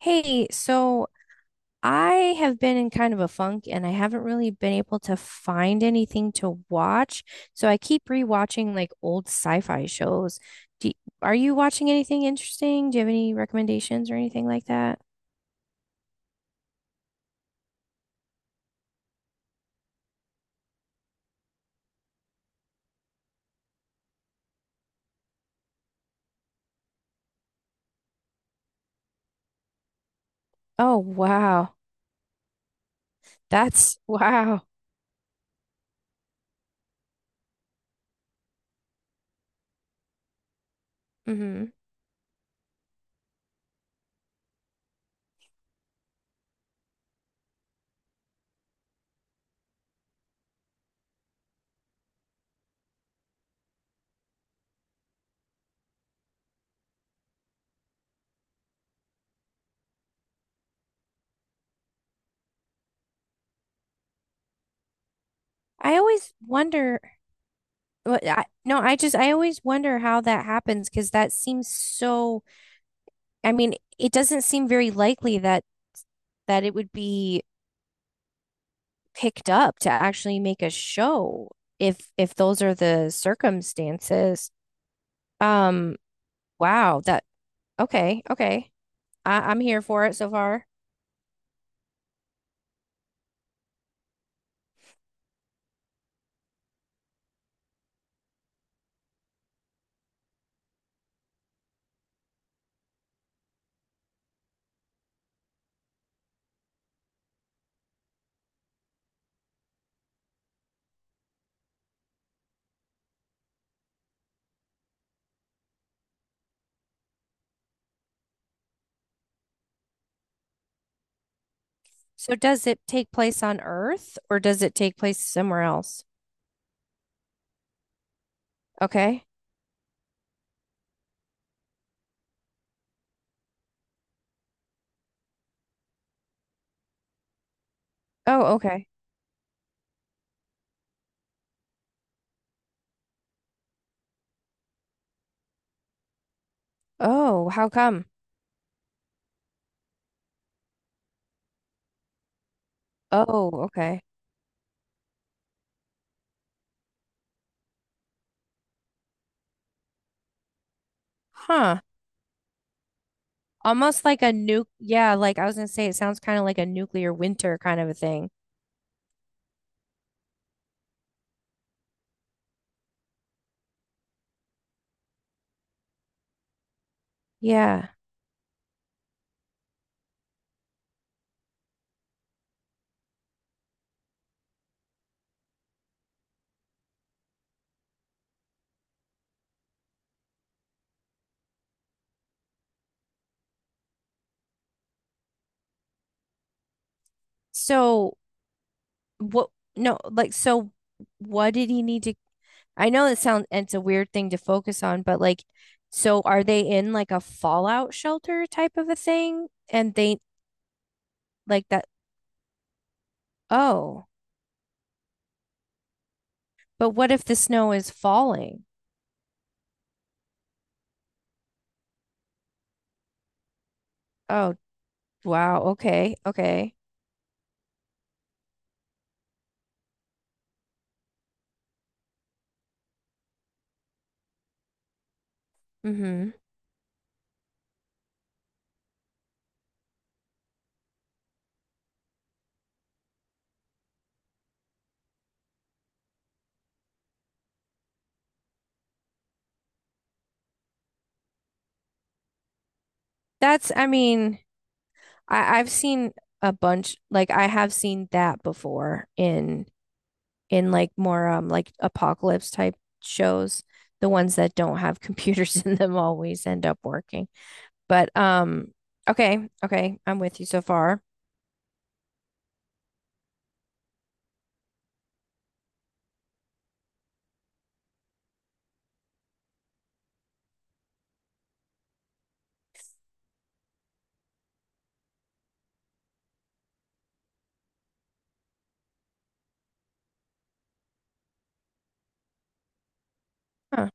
Hey, so I have been in kind of a funk and I haven't really been able to find anything to watch. So I keep rewatching like old sci-fi shows. Do Are you watching anything interesting? Do you have any recommendations or anything like that? Oh, wow. That's wow. Hmm. I always wonder what I, no, I just I always wonder how that happens because that seems so. I mean, it doesn't seem very likely that it would be picked up to actually make a show if those are the circumstances. Um, wow, that okay, okay. I'm here for it so far. So does it take place on Earth or does it take place somewhere else? Okay. Oh, okay. Oh, how come? Oh, okay. Huh. Almost like a nuke. Yeah, like I was gonna say, it sounds kind of like a nuclear winter kind of a thing. Yeah. So what? No, like so. What did he need to? I know it sounds it's a weird thing to focus on, but like, so are they in like a fallout shelter type of a thing? And they like that. Oh, but what if the snow is falling? Oh, wow. Okay. Okay. Mm-hmm. That's, I mean, I've seen a bunch, like I have seen that before in like more like apocalypse type shows. The ones that don't have computers in them always end up working. But okay, okay, I'm with you so far. Huh.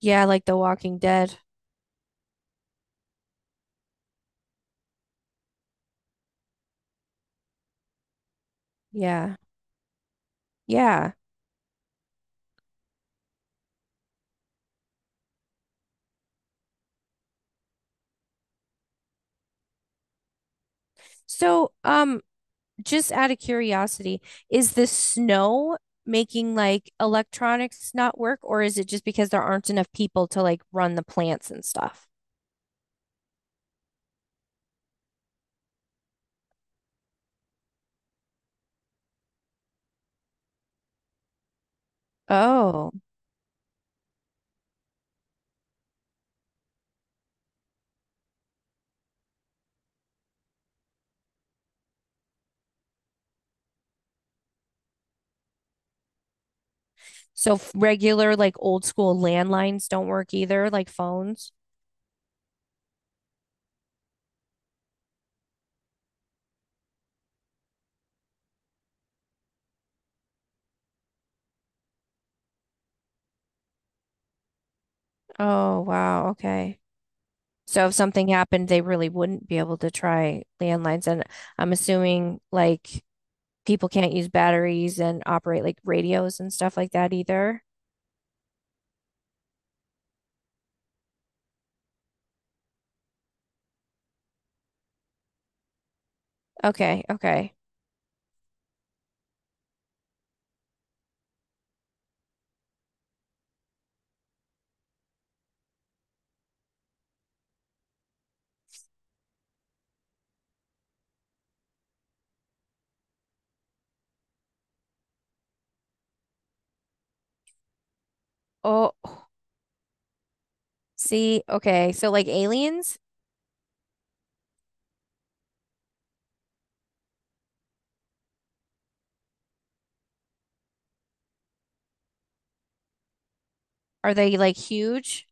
Yeah, like The Walking Dead. Yeah, yeah. So just out of curiosity, is the snow making like electronics not work, or is it just because there aren't enough people to like run the plants and stuff? Oh, so regular like old school landlines don't work either, like phones. Oh, wow. Okay. So if something happened, they really wouldn't be able to try landlines. And I'm assuming like people can't use batteries and operate like radios and stuff like that either. Okay, okay. Oh, see, okay. So like aliens, are they like huge?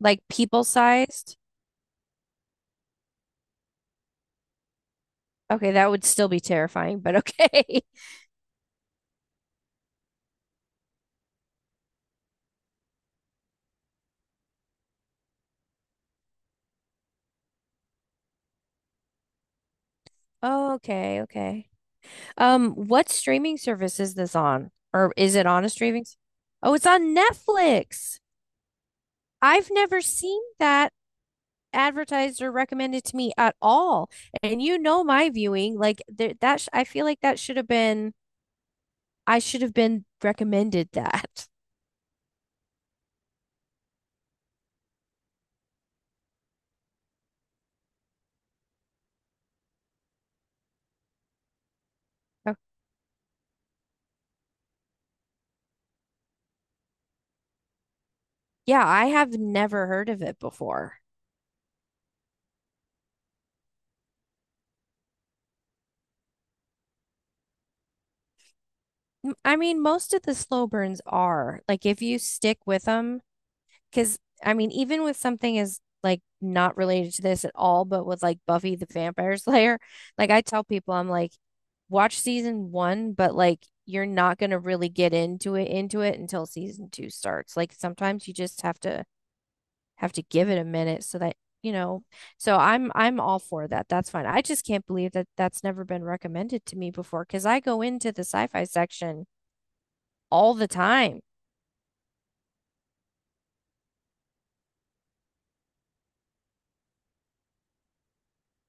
Like people sized? Okay, that would still be terrifying, but okay. Oh, okay, okay. What streaming service is this on? Or is it on a streaming? Oh, it's on Netflix. I've never seen that advertised or recommended to me at all. And you know my viewing, like there, that sh I feel like that should have been. I should have been recommended that. Oh, yeah, I have never heard of it before. I mean, most of the slow burns are like if you stick with them. Because, I mean, even with something as like not related to this at all, but with like Buffy the Vampire Slayer, like I tell people, I'm like, watch season one, but like you're not going to really get into it until season two starts. Like sometimes you just have to give it a minute so that you know. So I'm all for that. That's fine. I just can't believe that that's never been recommended to me before because I go into the sci-fi section all the time.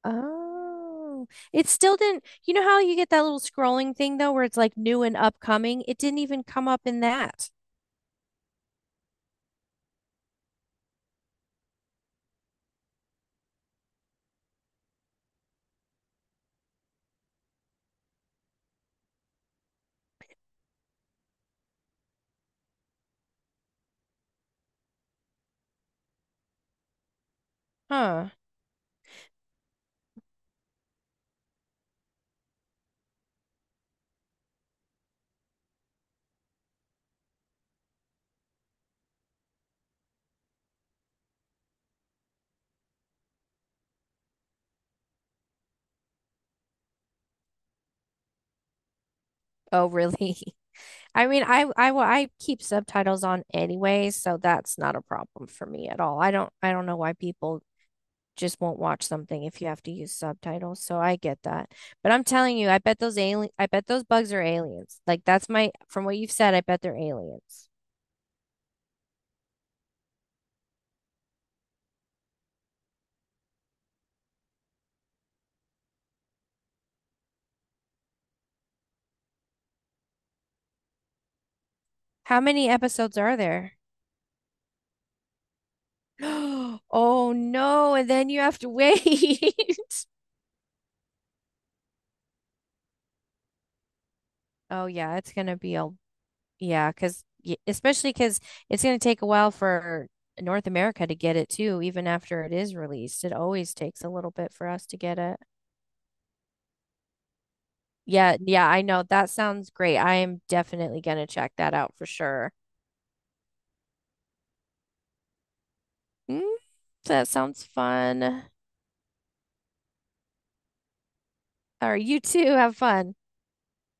Oh, it still didn't. You know how you get that little scrolling thing though, where it's like new and upcoming? It didn't even come up in that. Huh. Oh, really? I mean, I keep subtitles on anyway, so that's not a problem for me at all. I don't know why people just won't watch something if you have to use subtitles. So I get that. But I'm telling you, I bet those alien I bet those bugs are aliens. Like that's my from what you've said, I bet they're aliens. How many episodes are there? Oh no, and then you have to wait. Oh yeah, it's gonna be a yeah, cause especially because it's gonna take a while for North America to get it too, even after it is released. It always takes a little bit for us to get it. Yeah, yeah, I know. That sounds great. I am definitely gonna check that out for sure. Mm, that sounds fun. All right, you too. Have fun.